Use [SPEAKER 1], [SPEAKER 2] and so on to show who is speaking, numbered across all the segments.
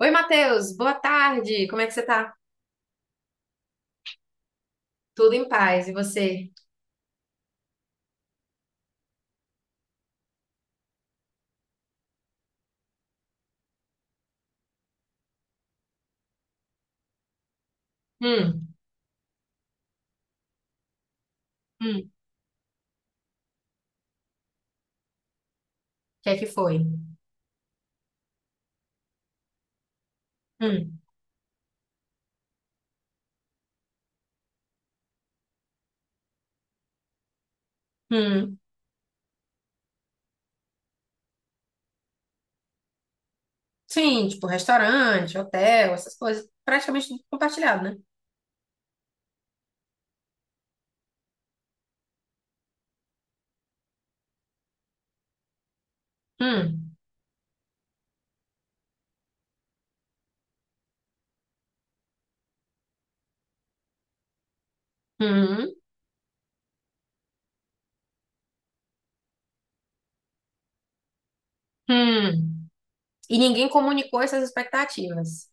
[SPEAKER 1] Oi, Matheus, boa tarde. Como é que você tá? Tudo em paz. E você? Hum, o que é que foi? Hum, hum. Sim, tipo restaurante, hotel, essas coisas, praticamente tudo compartilhado, né? Hum, hum, hum. E ninguém comunicou essas expectativas.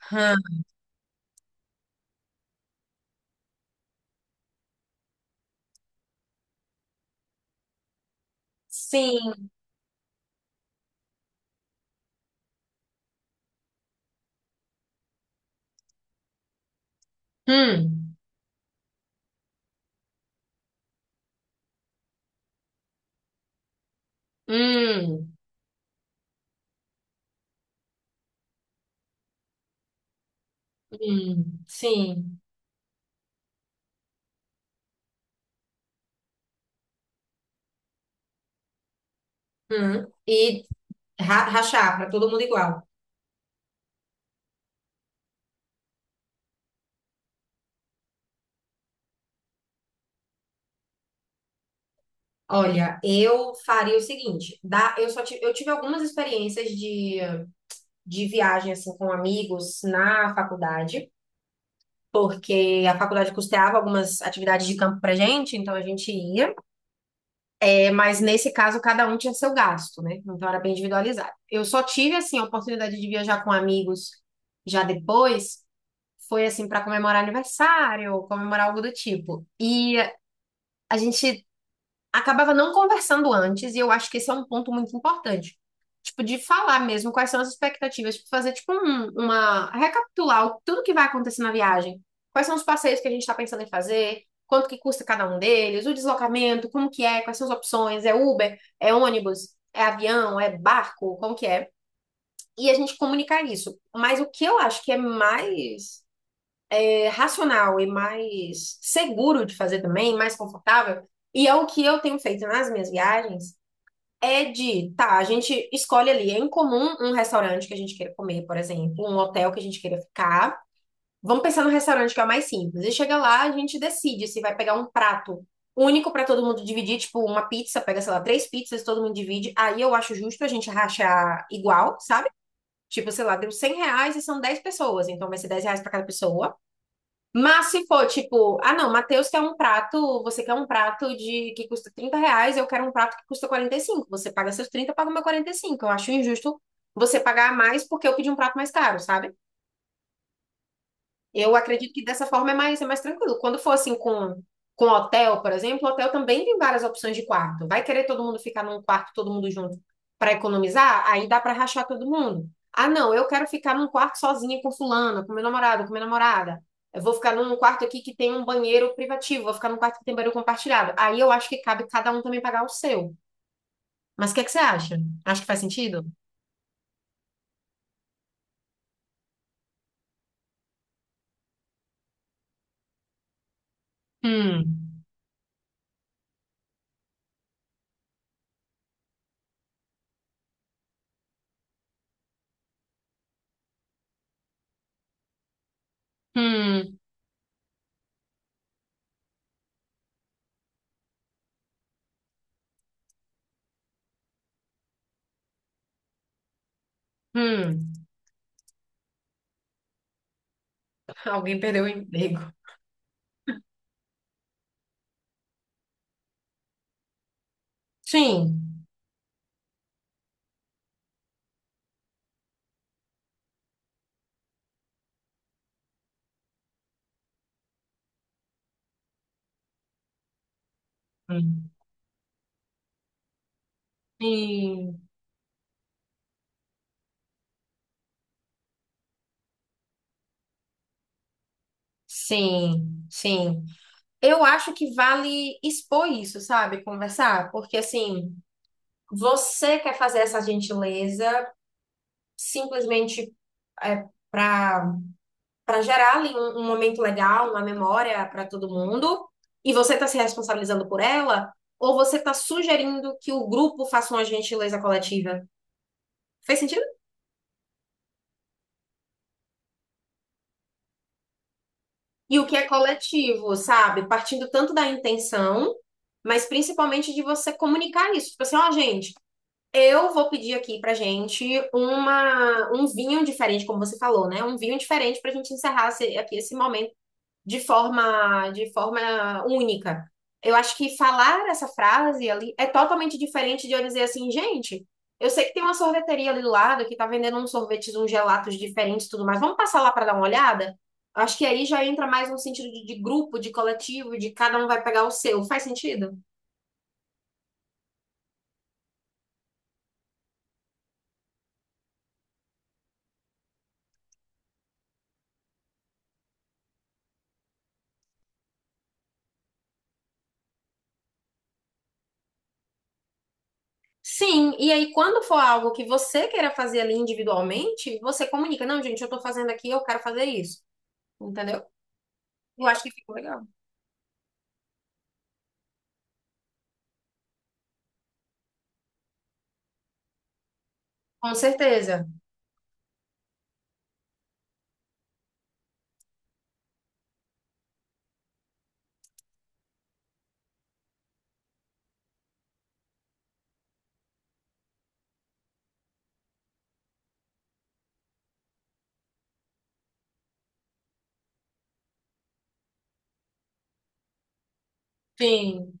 [SPEAKER 1] Hã, sim. Hum, hum, Sim. Hum. E rachar para todo mundo igual. Olha, eu faria o seguinte, dá, eu tive algumas experiências de viagem assim com amigos na faculdade, porque a faculdade custeava algumas atividades de campo pra gente, então a gente ia. É, mas nesse caso cada um tinha seu gasto, né? Então era bem individualizado. Eu só tive assim a oportunidade de viajar com amigos já depois, foi assim para comemorar aniversário, comemorar algo do tipo. E a gente acabava não conversando antes, e eu acho que esse é um ponto muito importante. Tipo, de falar mesmo quais são as expectativas, tipo, fazer tipo uma recapitular tudo que vai acontecer na viagem. Quais são os passeios que a gente está pensando em fazer, quanto que custa cada um deles, o deslocamento, como que é, quais são as opções, é Uber, é ônibus, é avião, é barco, como que é? E a gente comunicar isso. Mas o que eu acho que é mais racional e mais seguro de fazer também, mais confortável, e é o que eu tenho feito nas minhas viagens, é de, tá, a gente escolhe ali, é incomum um restaurante que a gente queira comer, por exemplo, um hotel que a gente queira ficar. Vamos pensar no restaurante que é o mais simples. E chega lá, a gente decide se vai pegar um prato único para todo mundo dividir, tipo uma pizza, pega, sei lá, três pizzas, todo mundo divide. Aí eu acho justo a gente rachar igual, sabe? Tipo, sei lá, deu R$ 100 e são 10 pessoas, então vai ser R$ 10 para cada pessoa. Mas se for tipo, ah não, Matheus quer um prato, você quer um prato de que custa R$ 30, eu quero um prato que custa 45. Você paga seus 30, eu pago meu 45. Eu acho injusto você pagar mais porque eu pedi um prato mais caro, sabe? Eu acredito que dessa forma é mais, tranquilo. Quando for assim com hotel, por exemplo, hotel também tem várias opções de quarto. Vai querer todo mundo ficar num quarto, todo mundo junto, para economizar? Aí dá para rachar todo mundo. Ah, não, eu quero ficar num quarto sozinha com fulano, com meu namorado, com minha namorada. Eu vou ficar num quarto aqui que tem um banheiro privativo, vou ficar num quarto que tem banheiro compartilhado. Aí eu acho que cabe cada um também pagar o seu. Mas o que é que você acha? Acho que faz sentido? Hum, hum, hum. Alguém perdeu o emprego. Sim. Hum. Sim, sim, sim. Eu acho que vale expor isso, sabe? Conversar, porque assim, você quer fazer essa gentileza simplesmente é, para gerar ali um, momento legal, uma memória para todo mundo, e você está se responsabilizando por ela, ou você está sugerindo que o grupo faça uma gentileza coletiva? Fez sentido? E o que é coletivo, sabe? Partindo tanto da intenção, mas principalmente de você comunicar isso. Tipo assim, ó, gente, eu vou pedir aqui pra gente um vinho diferente, como você falou, né? Um vinho diferente pra gente encerrar aqui esse momento de forma, única. Eu acho que falar essa frase ali é totalmente diferente de eu dizer assim, gente, eu sei que tem uma sorveteria ali do lado que tá vendendo uns sorvetes, uns gelatos diferentes e tudo mais. Vamos passar lá para dar uma olhada? Acho que aí já entra mais um sentido de grupo, de coletivo, de cada um vai pegar o seu. Faz sentido? Sim, e aí quando for algo que você queira fazer ali individualmente, você comunica, não, gente, eu tô fazendo aqui, eu quero fazer isso. Entendeu? Eu acho que ficou legal. Com certeza. Sim.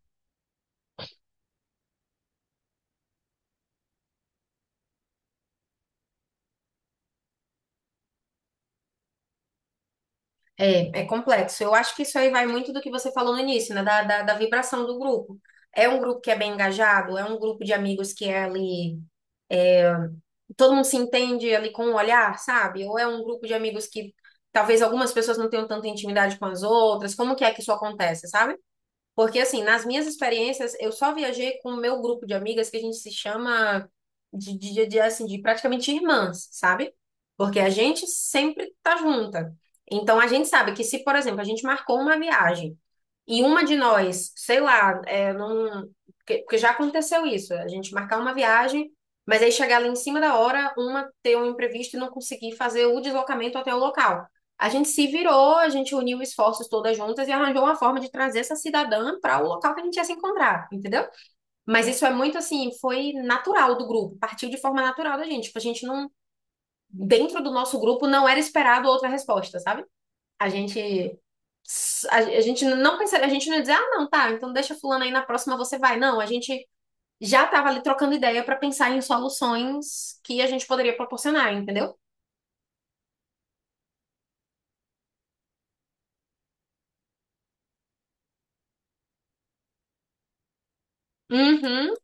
[SPEAKER 1] É. É complexo. Eu acho que isso aí vai muito do que você falou no início, né? Da vibração do grupo. É um grupo que é bem engajado? É um grupo de amigos que é ali. Todo mundo se entende ali com o olhar, sabe? Ou é um grupo de amigos que talvez algumas pessoas não tenham tanta intimidade com as outras? Como que é que isso acontece, sabe? Porque, assim, nas minhas experiências, eu só viajei com o meu grupo de amigas que a gente se chama assim, de praticamente irmãs, sabe? Porque a gente sempre tá junta. Então, a gente sabe que se, por exemplo, a gente marcou uma viagem e uma de nós, sei lá, é, não... Porque já aconteceu isso, a gente marcar uma viagem, mas aí chegar lá em cima da hora, uma ter um imprevisto e não conseguir fazer o deslocamento até o local. A gente se virou, a gente uniu esforços todas juntas e arranjou uma forma de trazer essa cidadã para o local que a gente ia se encontrar, entendeu? Mas isso é muito assim, foi natural do grupo, partiu de forma natural da gente. Tipo, a gente não, dentro do nosso grupo não era esperado outra resposta, sabe? A gente a gente não pensaria, a gente não ia dizer, ah, não, tá, então deixa fulano aí na próxima você vai. Não, a gente já tava ali trocando ideia para pensar em soluções que a gente poderia proporcionar, entendeu? Uhum.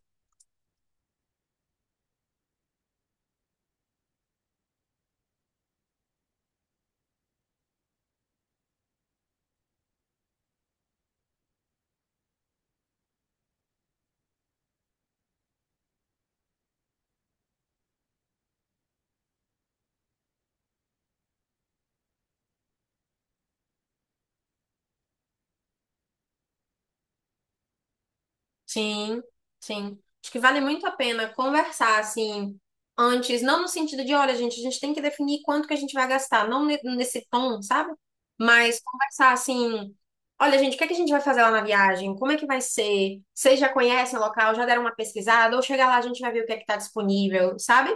[SPEAKER 1] Sim, sim. Acho que vale muito a pena conversar assim antes, não no sentido de, olha, gente, a gente tem que definir quanto que a gente vai gastar, não nesse tom, sabe? Mas conversar assim, olha, gente, o que é que a gente vai fazer lá na viagem? Como é que vai ser? Vocês já conhecem o local? Já deram uma pesquisada? Ou chegar lá a gente vai ver o que é que tá disponível, sabe?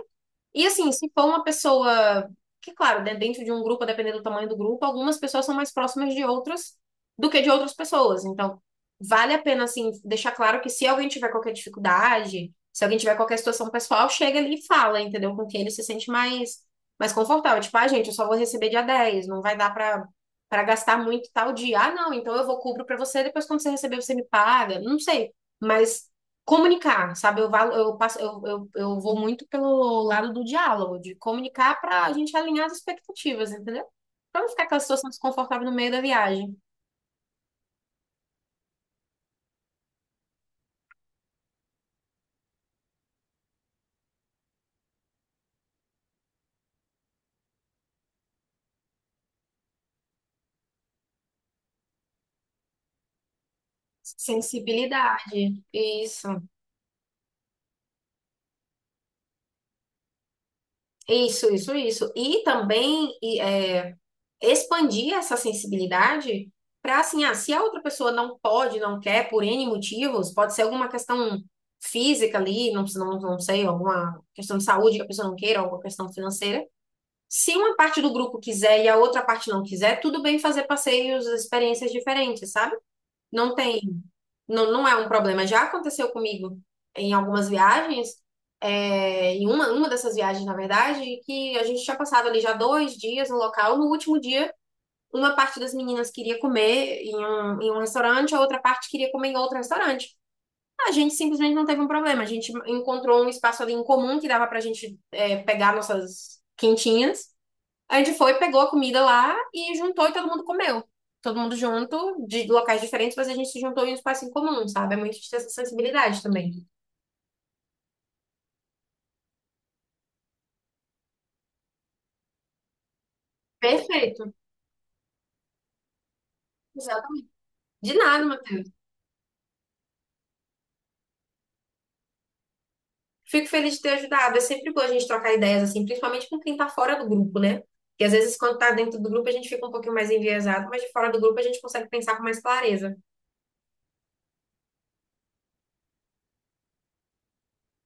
[SPEAKER 1] E assim, se for uma pessoa, que claro, né, dentro de um grupo, dependendo do tamanho do grupo, algumas pessoas são mais próximas de outras do que de outras pessoas. Então, vale a pena assim deixar claro que se alguém tiver qualquer dificuldade, se alguém tiver qualquer situação pessoal, chega ali e fala, entendeu? Com quem ele se sente mais confortável. Tipo, ah, gente, eu só vou receber dia 10, não vai dar para gastar muito tal dia. Ah, não, então eu vou cubro para você, depois quando você receber você me paga. Não sei, mas comunicar, sabe? Eu, valo- eu passo, eu vou muito pelo lado do diálogo, de comunicar para a gente alinhar as expectativas, entendeu? Para não ficar aquela situação desconfortável no meio da viagem. Sensibilidade. Isso, isso, isso, isso. E também expandir essa sensibilidade para, assim, ah, se a outra pessoa não pode, não quer, por N motivos, pode ser alguma questão física ali, não, não, não sei, alguma questão de saúde que a pessoa não queira, alguma questão financeira. Se uma parte do grupo quiser e a outra parte não quiser, tudo bem fazer passeios, experiências diferentes, sabe? Não tem, não, não é um problema. Já aconteceu comigo em algumas viagens, em uma dessas viagens, na verdade, que a gente tinha passado ali já 2 dias no local. No último dia, uma parte das meninas queria comer em um restaurante, a outra parte queria comer em outro restaurante. A gente simplesmente não teve um problema. A gente encontrou um espaço ali em comum que dava pra gente, pegar nossas quentinhas, a gente foi, pegou a comida lá e juntou e todo mundo comeu. Todo mundo junto, de locais diferentes, mas a gente se juntou em um espaço em comum, sabe? É muito de ter essa sensibilidade também. Perfeito. Exatamente. De nada, Matheus. Fico feliz de ter ajudado. É sempre bom a gente trocar ideias, assim, principalmente com quem tá fora do grupo, né? Porque às vezes quando tá dentro do grupo a gente fica um pouquinho mais enviesado, mas de fora do grupo a gente consegue pensar com mais clareza.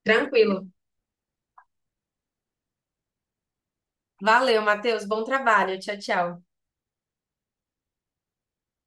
[SPEAKER 1] Tranquilo. Valeu, Matheus. Bom trabalho. Tchau, tchau.